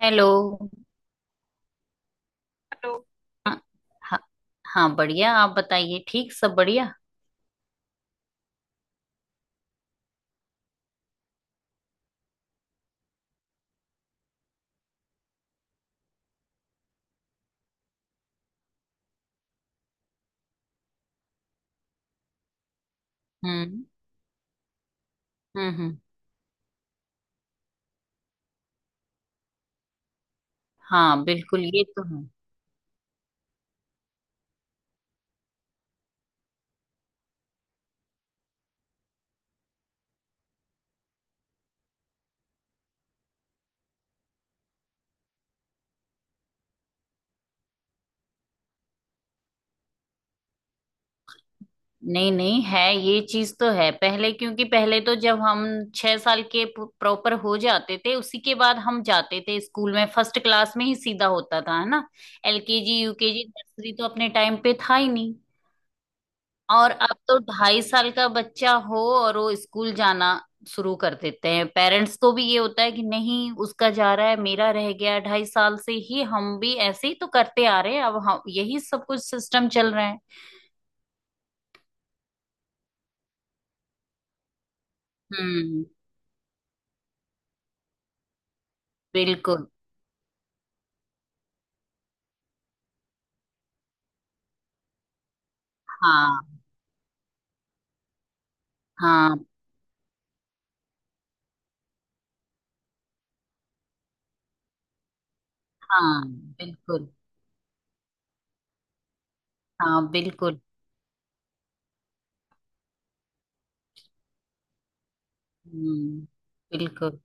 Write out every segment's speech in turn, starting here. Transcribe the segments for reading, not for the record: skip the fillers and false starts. Hello. Hello. हाँ। हाँ। हाँ, बढ़िया। आप बताइए। ठीक, सब बढ़िया। हम्म। हम्म। हम्म। हाँ, बिल्कुल, ये तो है। नहीं, नहीं, है ये चीज तो है पहले। क्योंकि पहले तो जब हम 6 साल के प्रॉपर हो जाते थे उसी के बाद हम जाते थे स्कूल में, फर्स्ट क्लास में ही सीधा होता था, है ना। एलकेजी, यूकेजी, नर्सरी तो अपने टाइम पे था ही नहीं। और अब तो 2.5 साल का बच्चा हो और वो स्कूल जाना शुरू कर देते हैं। पेरेंट्स को भी ये होता है कि नहीं, उसका जा रहा है, मेरा रह गया, 2.5 साल से ही। हम भी ऐसे ही तो करते आ रहे हैं, अब हम यही सब कुछ सिस्टम चल रहा है। हम्म। बिल्कुल। हाँ। हाँ। हाँ, बिल्कुल। हाँ, बिल्कुल। हम्म। बिल्कुल।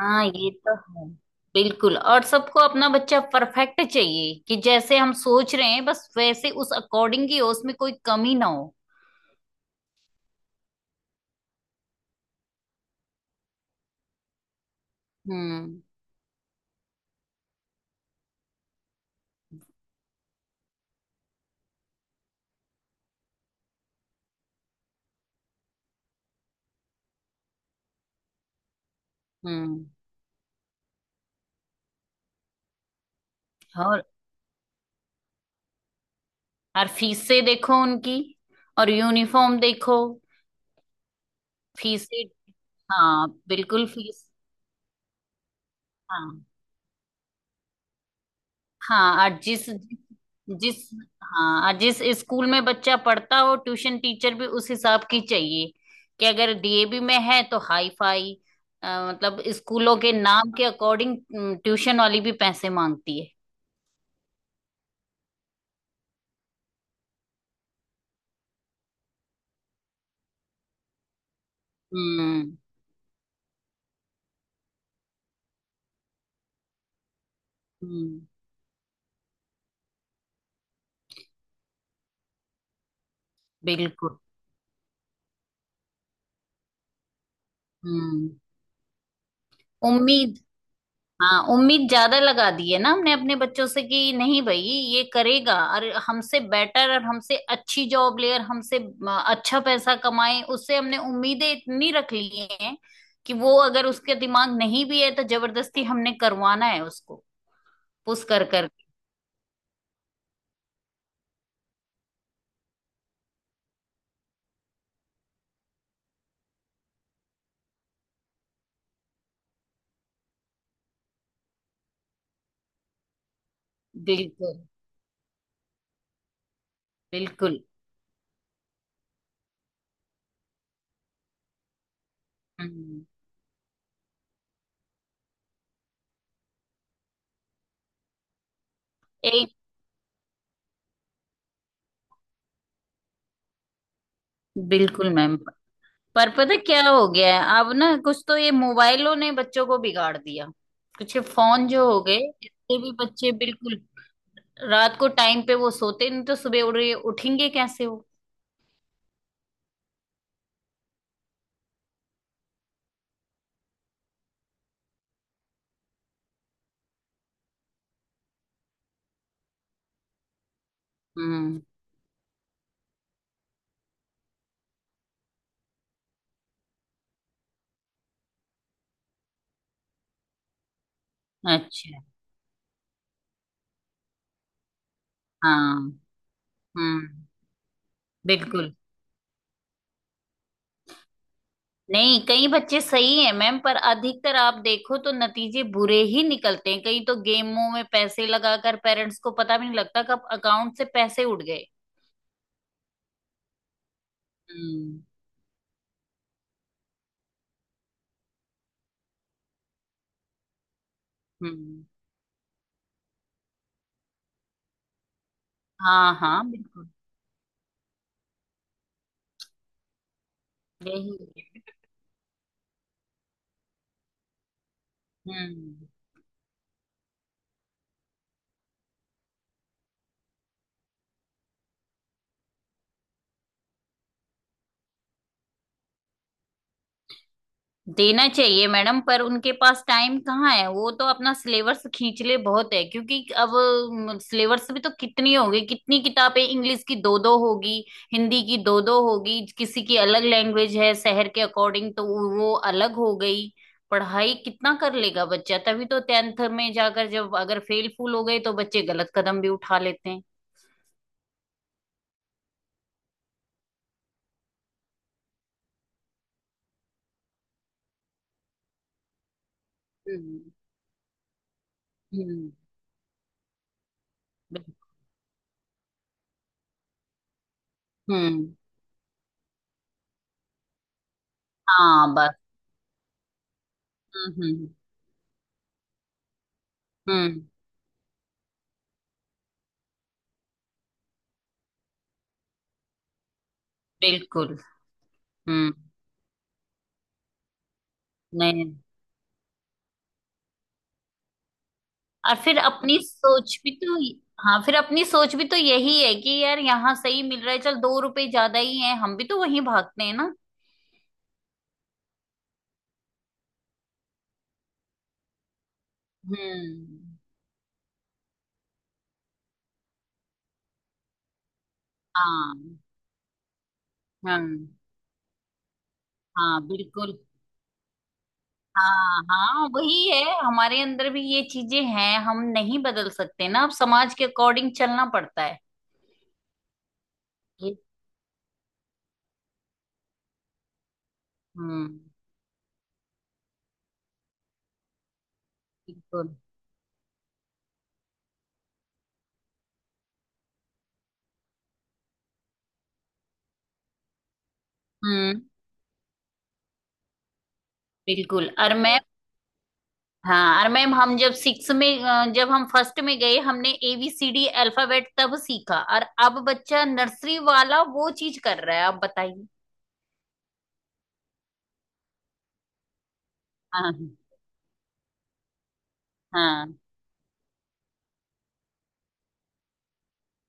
हाँ, ये तो है। बिल्कुल। और सबको अपना बच्चा परफेक्ट चाहिए, कि जैसे हम सोच रहे हैं बस वैसे उस अकॉर्डिंग ही हो, उसमें कोई कमी ना हो। हम्म। हम्म। और फीसें देखो उनकी, और यूनिफॉर्म देखो, फीसें। हाँ, बिल्कुल, फीस। हाँ। हाँ। और जिस जिस हाँ, और जिस स्कूल में बच्चा पढ़ता हो ट्यूशन टीचर भी उस हिसाब की चाहिए, कि अगर डीएवी में है तो हाई फाई। मतलब स्कूलों के नाम के अकॉर्डिंग ट्यूशन वाली भी पैसे मांगती है। हम्म। हम्म। बिल्कुल। हम्म। उम्मीद। हाँ, उम्मीद ज्यादा लगा दी है ना हमने अपने बच्चों से, कि नहीं भाई ये करेगा, और हमसे बेटर और हमसे अच्छी जॉब ले और हमसे अच्छा पैसा कमाए, उससे हमने उम्मीदें इतनी रख ली हैं कि वो अगर उसके दिमाग नहीं भी है तो जबरदस्ती हमने करवाना है उसको, पुश कर कर। बिल्कुल। बिल्कुल। हम्म। एक बिल्कुल मैम, पर पता क्या हो गया है अब ना, कुछ तो ये मोबाइलों ने बच्चों को बिगाड़ दिया, कुछ ये फोन जो हो गए, इससे भी बच्चे बिल्कुल। रात को टाइम पे वो सोते नहीं तो सुबह उड़ रही उठेंगे कैसे वो। हम्म। अच्छा। हाँ। हम्म। बिल्कुल। नहीं, कई बच्चे सही हैं मैम, पर अधिकतर आप देखो तो नतीजे बुरे ही निकलते हैं, कई तो गेमों में पैसे लगाकर पेरेंट्स को पता भी नहीं लगता कब अकाउंट से पैसे उड़ गए। हम्म। हम्म। हाँ। हाँ, बिल्कुल, यही है। हम्म। देना चाहिए मैडम, पर उनके पास टाइम कहाँ है, वो तो अपना सिलेबस खींच ले बहुत है, क्योंकि अब सिलेबस भी तो कितनी होगी, कितनी किताबें, इंग्लिश की दो दो होगी, हिंदी की दो दो होगी, किसी की अलग लैंग्वेज है शहर के अकॉर्डिंग, तो वो अलग हो गई। पढ़ाई कितना कर लेगा बच्चा, तभी तो 10th में जाकर जब अगर फेल फूल हो गए तो बच्चे गलत कदम भी उठा लेते हैं। हम्म। हम्म। बिल्कुल। हम्म। हाँ बस। हम्म। हम्म। हम्म। बिल्कुल। हम्म। नहीं। और फिर अपनी सोच भी तो हाँ, फिर अपनी सोच भी तो यही है कि यार यहाँ सही मिल रहा है, चल 2 रुपए ज्यादा ही है, हम भी तो वहीं भागते हैं ना। हम्म। हाँ। हाँ। हाँ। बिल्कुल। हाँ। हाँ वही है, हमारे अंदर भी ये चीजें हैं, हम नहीं बदल सकते ना अब समाज के अकॉर्डिंग चलना पड़ता है। ये- हम्म। बिल्कुल। हम्म। बिल्कुल। और मैं हाँ और मैम, हम जब 6 में जब हम फर्स्ट में गए हमने एबीसीडी अल्फाबेट तब सीखा, और अब बच्चा नर्सरी वाला वो चीज कर रहा है, आप बताइए। हाँ। हाँ।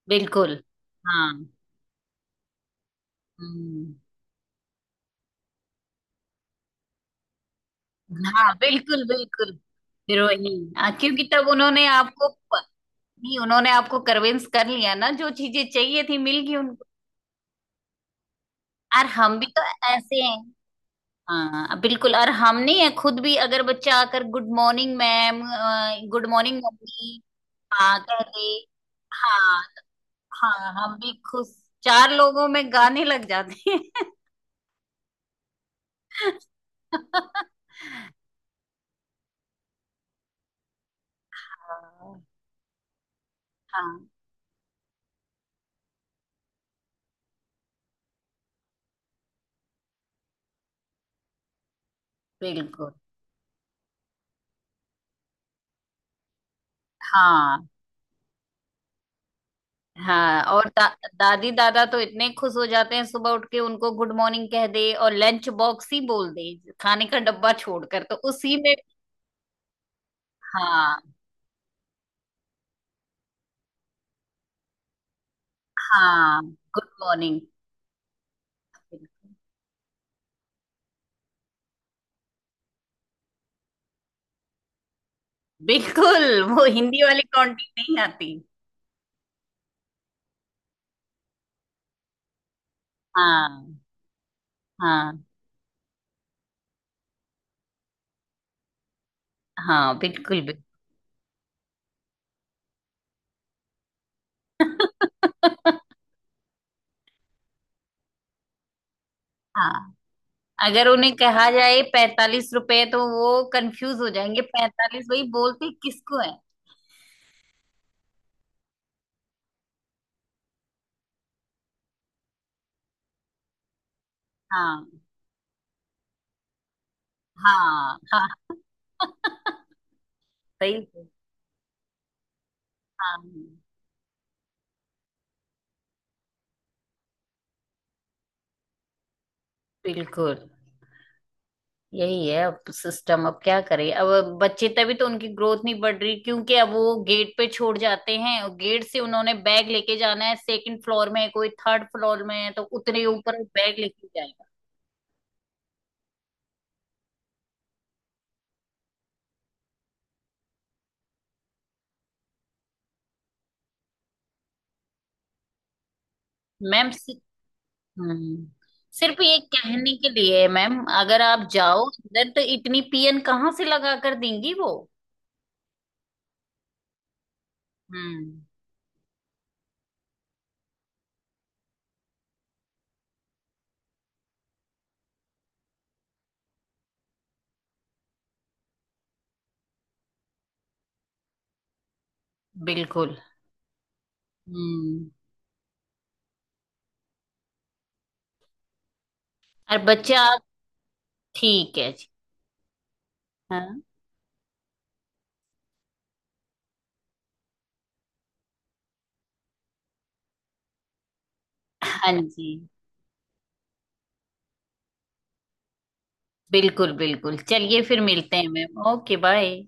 बिल्कुल। हाँ। हम्म। हाँ, बिल्कुल, बिल्कुल। फिर वही, हाँ, क्योंकि तब उन्होंने आपको। नहीं, उन्होंने आपको कन्विंस कर लिया ना, जो चीजें चाहिए थी मिल गई उनको। और हम भी तो ऐसे हैं। हाँ, बिल्कुल। और हमने खुद भी अगर बच्चा आकर good morning ma'am, good morning mummy, हाँ कर दे। हाँ। हाँ, हम भी खुश, चार लोगों में गाने लग जाते हैं। हाँ। हाँ, बिल्कुल। हाँ। हाँ और दादी दादा तो इतने खुश हो जाते हैं सुबह उठ के उनको गुड मॉर्निंग कह दे और लंच बॉक्स ही बोल दे, खाने का डब्बा छोड़कर तो उसी में। हाँ। हाँ। Good morning. बिल्कुल, वो हिंदी वाली कॉन्टी नहीं आती। हाँ। हाँ। हाँ, बिल्कुल, बिल्कुल। हाँ, अगर उन्हें कहा जाए 45 रुपए तो वो कंफ्यूज हो जाएंगे, 45 वही बोलते किसको है। हाँ। हाँ। हाँ। सही है। हाँ, बिल्कुल, यही है अब सिस्टम, अब क्या करें अब। बच्चे तभी तो उनकी ग्रोथ नहीं बढ़ रही, क्योंकि अब वो गेट पे छोड़ जाते हैं और गेट से उन्होंने बैग लेके जाना है, सेकंड फ्लोर में है, कोई थर्ड फ्लोर में है, तो उतने ऊपर बैग लेके जाएगा। मैम। हम्म। सिर्फ ये कहने के लिए मैम, अगर आप जाओ अंदर तो इतनी पियन कहाँ से लगा कर देंगी वो। हम्म। बिल्कुल। हम्म। और बच्चा आप। ठीक है जी। हाँ। हाँ जी, बिल्कुल बिल्कुल, चलिए फिर मिलते हैं मैम, ओके बाय।